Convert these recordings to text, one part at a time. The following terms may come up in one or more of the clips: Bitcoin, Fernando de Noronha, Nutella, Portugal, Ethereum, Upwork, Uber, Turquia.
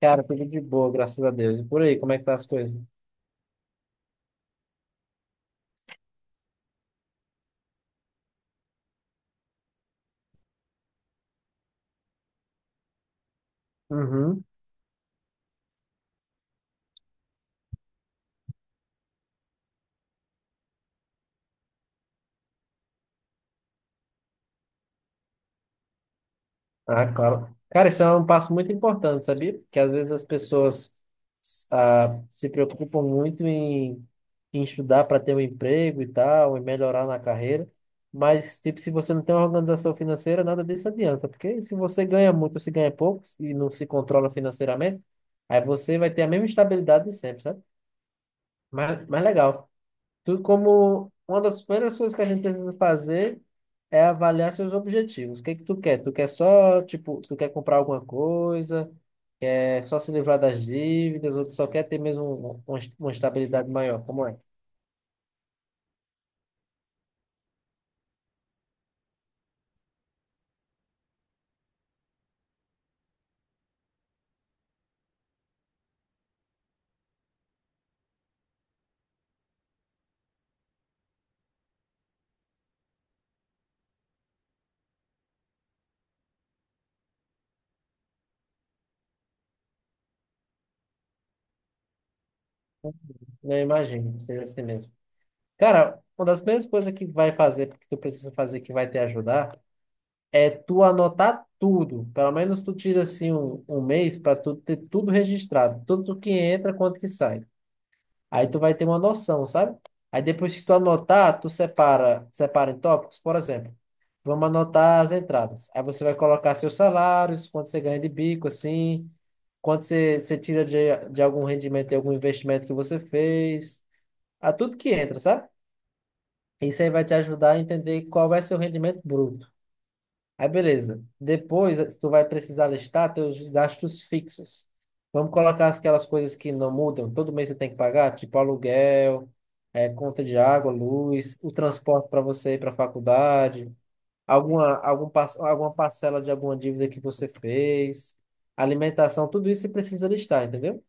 Cara, tudo de boa, graças a Deus. E por aí, como é que tá as coisas? Uhum. Ah, claro. Cara, isso é um passo muito importante, sabia? Porque às vezes as pessoas se preocupam muito em, em estudar para ter um emprego e tal, e melhorar na carreira. Mas, tipo, se você não tem uma organização financeira, nada disso adianta. Porque se você ganha muito ou se ganha pouco e não se controla financeiramente, aí você vai ter a mesma estabilidade de sempre, sabe? Mas legal. Tudo como uma das primeiras coisas que a gente precisa fazer é avaliar seus objetivos. O que é que tu quer? Tu quer só, tipo, tu quer comprar alguma coisa, é só se livrar das dívidas, ou tu só quer ter mesmo uma estabilidade maior? Como é? Não imagino que seja assim mesmo. Cara, uma das primeiras coisas que vai fazer, que tu precisa fazer que vai te ajudar, é tu anotar tudo. Pelo menos tu tira assim um, um mês para tu ter tudo registrado, tudo que entra, quanto que sai. Aí tu vai ter uma noção, sabe? Aí depois que tu anotar, tu separa, separa em tópicos, por exemplo. Vamos anotar as entradas. Aí você vai colocar seus salários, quanto você ganha de bico, assim, quanto você, você tira de algum rendimento, de algum investimento que você fez, a tudo que entra, sabe? Isso aí vai te ajudar a entender qual vai ser o rendimento bruto. Aí, beleza. Depois, tu vai precisar listar teus gastos fixos. Vamos colocar aquelas coisas que não mudam. Todo mês você tem que pagar, tipo aluguel, conta de água, luz, o transporte para você ir para a faculdade, alguma, alguma parcela de alguma dívida que você fez, alimentação, tudo isso você precisa listar, entendeu?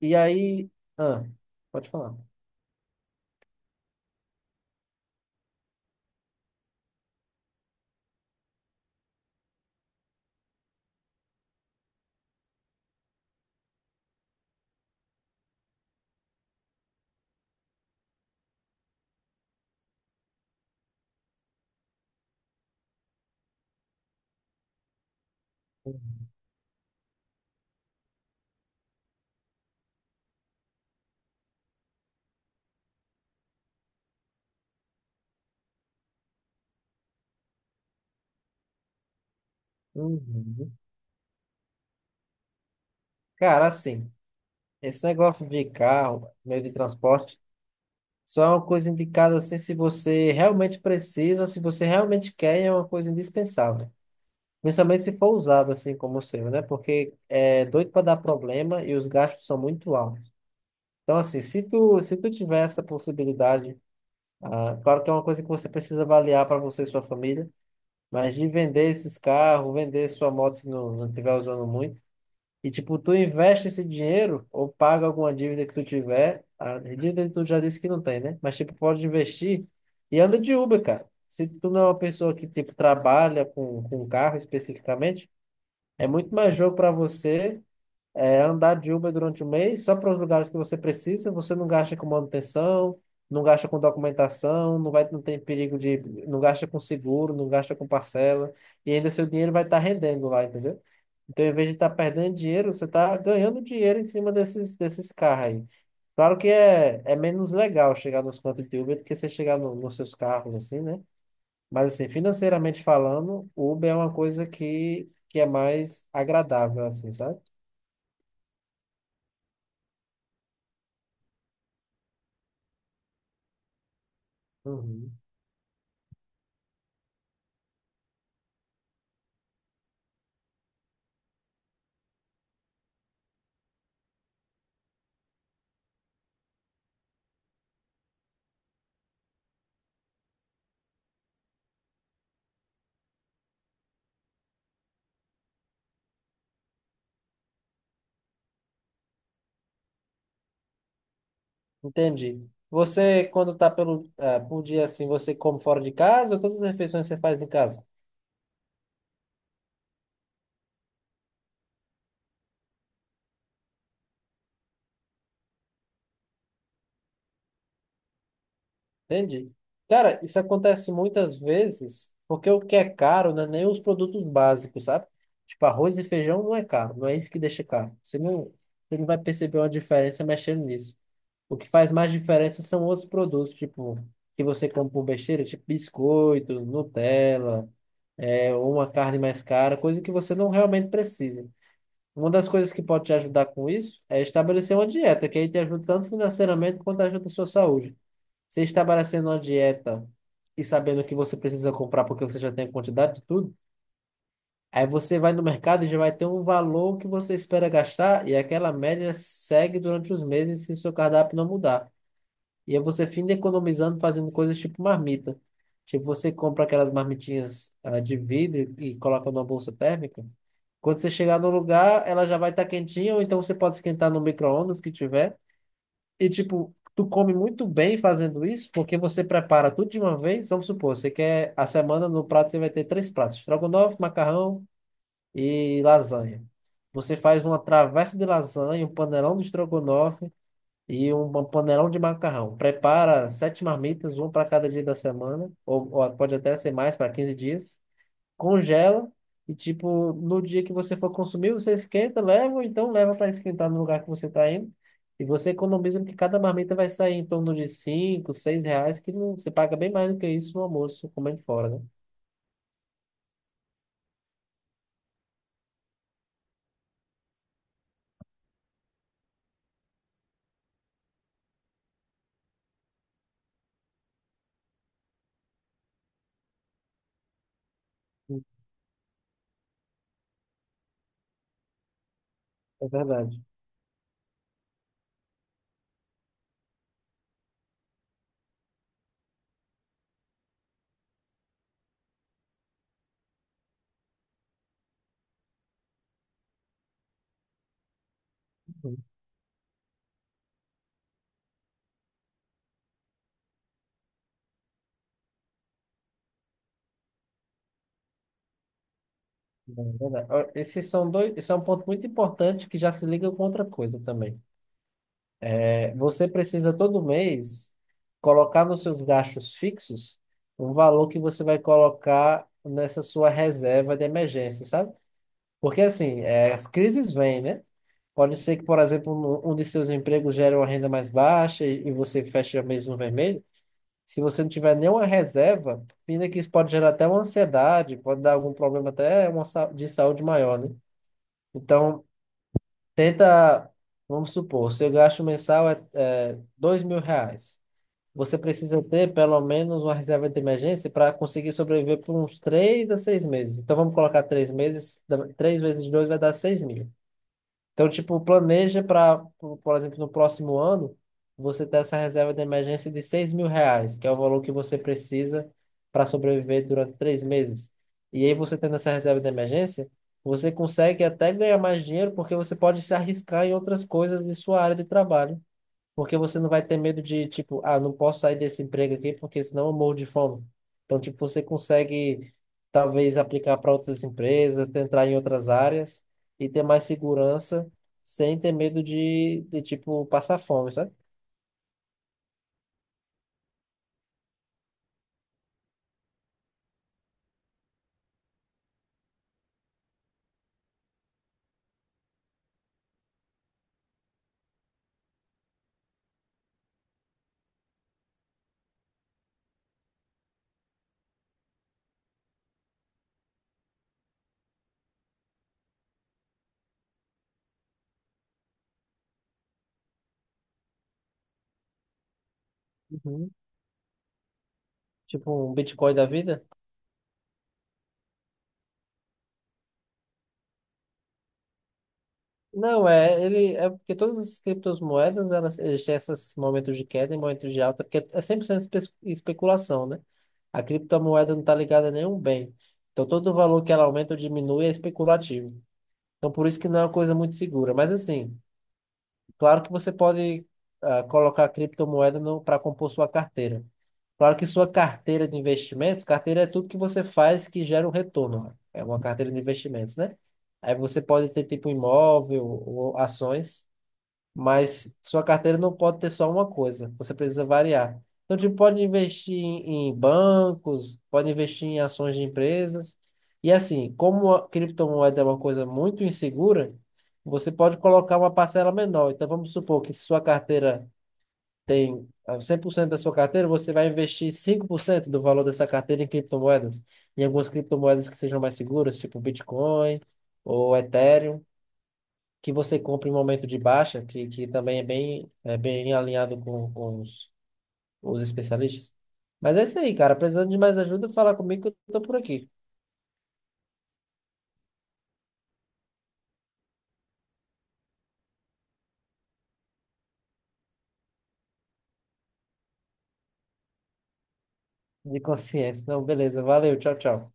E aí, ah, pode falar. Uhum. Cara, assim, esse negócio de carro, meio de transporte. Só é uma coisa indicada assim se você realmente precisa, ou se você realmente quer, e é uma coisa indispensável. Principalmente se for usado assim como o seu, né? Porque é doido para dar problema e os gastos são muito altos. Então, assim, se tu tiver essa possibilidade, claro que é uma coisa que você precisa avaliar para você e sua família, mas de vender esses carros, vender sua moto se não estiver usando muito. E, tipo, tu investe esse dinheiro ou paga alguma dívida que tu tiver. A dívida tu já disse que não tem, né? Mas, tipo, pode investir e anda de Uber, cara. Se tu não é uma pessoa que, tipo, trabalha com carro especificamente, é muito mais jogo para você é andar de Uber durante o mês só para os lugares que você precisa, você não gasta com manutenção, não gasta com documentação, não tem perigo de, não gasta com seguro, não gasta com parcela, e ainda seu dinheiro vai estar rendendo lá, entendeu? Então, em vez de estar perdendo dinheiro, você está ganhando dinheiro em cima desses, desses carros aí. Claro que é, é menos legal chegar nos pontos de Uber do que você chegar nos seus carros, assim, né? Mas, assim, financeiramente falando, Uber é uma coisa que é mais agradável, assim, sabe? Uhum. Entendi. Você, quando tá pelo, por dia assim, você come fora de casa ou todas as refeições você faz em casa? Entendi. Cara, isso acontece muitas vezes porque o que é caro não é nem os produtos básicos, sabe? Tipo, arroz e feijão não é caro, não é isso que deixa caro. Você não vai perceber uma diferença mexendo nisso. O que faz mais diferença são outros produtos, tipo, que você come por besteira, tipo biscoito, Nutella, é, ou uma carne mais cara, coisa que você não realmente precisa. Uma das coisas que pode te ajudar com isso é estabelecer uma dieta, que aí te ajuda tanto financeiramente quanto ajuda a sua saúde. Você estabelecendo uma dieta e sabendo o que você precisa comprar porque você já tem a quantidade de tudo, aí você vai no mercado e já vai ter um valor que você espera gastar e aquela média segue durante os meses se o seu cardápio não mudar. E aí você finda economizando fazendo coisas tipo marmita. Tipo, você compra aquelas marmitinhas de vidro e coloca numa bolsa térmica. Quando você chegar no lugar, ela já vai estar quentinha, ou então você pode esquentar no micro-ondas que tiver. E tipo, tu come muito bem fazendo isso, porque você prepara tudo de uma vez. Vamos supor, você quer a semana no prato, você vai ter três pratos: estrogonofe, macarrão e lasanha. Você faz uma travessa de lasanha, um panelão de estrogonofe e panelão de macarrão. Prepara sete marmitas, uma para cada dia da semana, ou pode até ser mais para 15 dias. Congela e, tipo, no dia que você for consumir, você esquenta, leva, ou então leva para esquentar no lugar que você está indo. E você economiza, porque cada marmita vai sair em torno de 5 6 reais, que não, você paga bem mais do que isso no almoço, comendo fora, né? É verdade. Uhum. É verdade. Ó, esses são dois, esse é um ponto muito importante que já se liga com outra coisa também. Você precisa todo mês colocar nos seus gastos fixos o valor que você vai colocar nessa sua reserva de emergência, sabe? Porque assim, é, as crises vêm, né? Pode ser que, por exemplo, um de seus empregos gere uma renda mais baixa e você fecha mês no vermelho. Se você não tiver nenhuma reserva, ainda que isso pode gerar até uma ansiedade, pode dar algum problema até uma, de saúde maior, né? Então, tenta, vamos supor, seu gasto mensal é 2 mil reais. Você precisa ter pelo menos uma reserva de emergência para conseguir sobreviver por uns três a seis meses. Então vamos colocar três meses, três vezes dois vai dar 6.000. Então, tipo, planeja para, por exemplo, no próximo ano, você ter essa reserva de emergência de 6.000 reais, que é o valor que você precisa para sobreviver durante três meses. E aí você tendo essa reserva de emergência, você consegue até ganhar mais dinheiro porque você pode se arriscar em outras coisas de sua área de trabalho. Porque você não vai ter medo de, tipo, ah, não posso sair desse emprego aqui porque senão eu morro de fome. Então, tipo, você consegue talvez aplicar para outras empresas, entrar em outras áreas e ter mais segurança sem ter medo de tipo, passar fome, sabe? Uhum. Tipo um Bitcoin da vida. Não, é, ele, é porque todas as criptomoedas, elas, eles têm esses momentos de queda e momentos de alta, porque é 100% especulação, né? A criptomoeda não está ligada a nenhum bem. Então, todo o valor que ela aumenta ou diminui é especulativo. Então, por isso que não é uma coisa muito segura. Mas, assim, claro que você pode colocar criptomoeda para compor sua carteira. Claro que sua carteira de investimentos, carteira é tudo que você faz que gera um retorno. Né? É uma carteira de investimentos, né? Aí você pode ter tipo imóvel ou ações. Mas sua carteira não pode ter só uma coisa, você precisa variar. Então, tipo, pode investir em bancos, pode investir em ações de empresas. E assim, como a criptomoeda é uma coisa muito insegura, você pode colocar uma parcela menor. Então, vamos supor que se sua carteira tem 100% da sua carteira, você vai investir 5% do valor dessa carteira em criptomoedas, em algumas criptomoedas que sejam mais seguras, tipo Bitcoin ou Ethereum que você compra em momento de baixa, que também é bem alinhado com os especialistas. Mas é isso aí, cara. Precisando de mais ajuda, fala comigo que eu tô por aqui. De consciência. Não, beleza. Valeu. Tchau, tchau.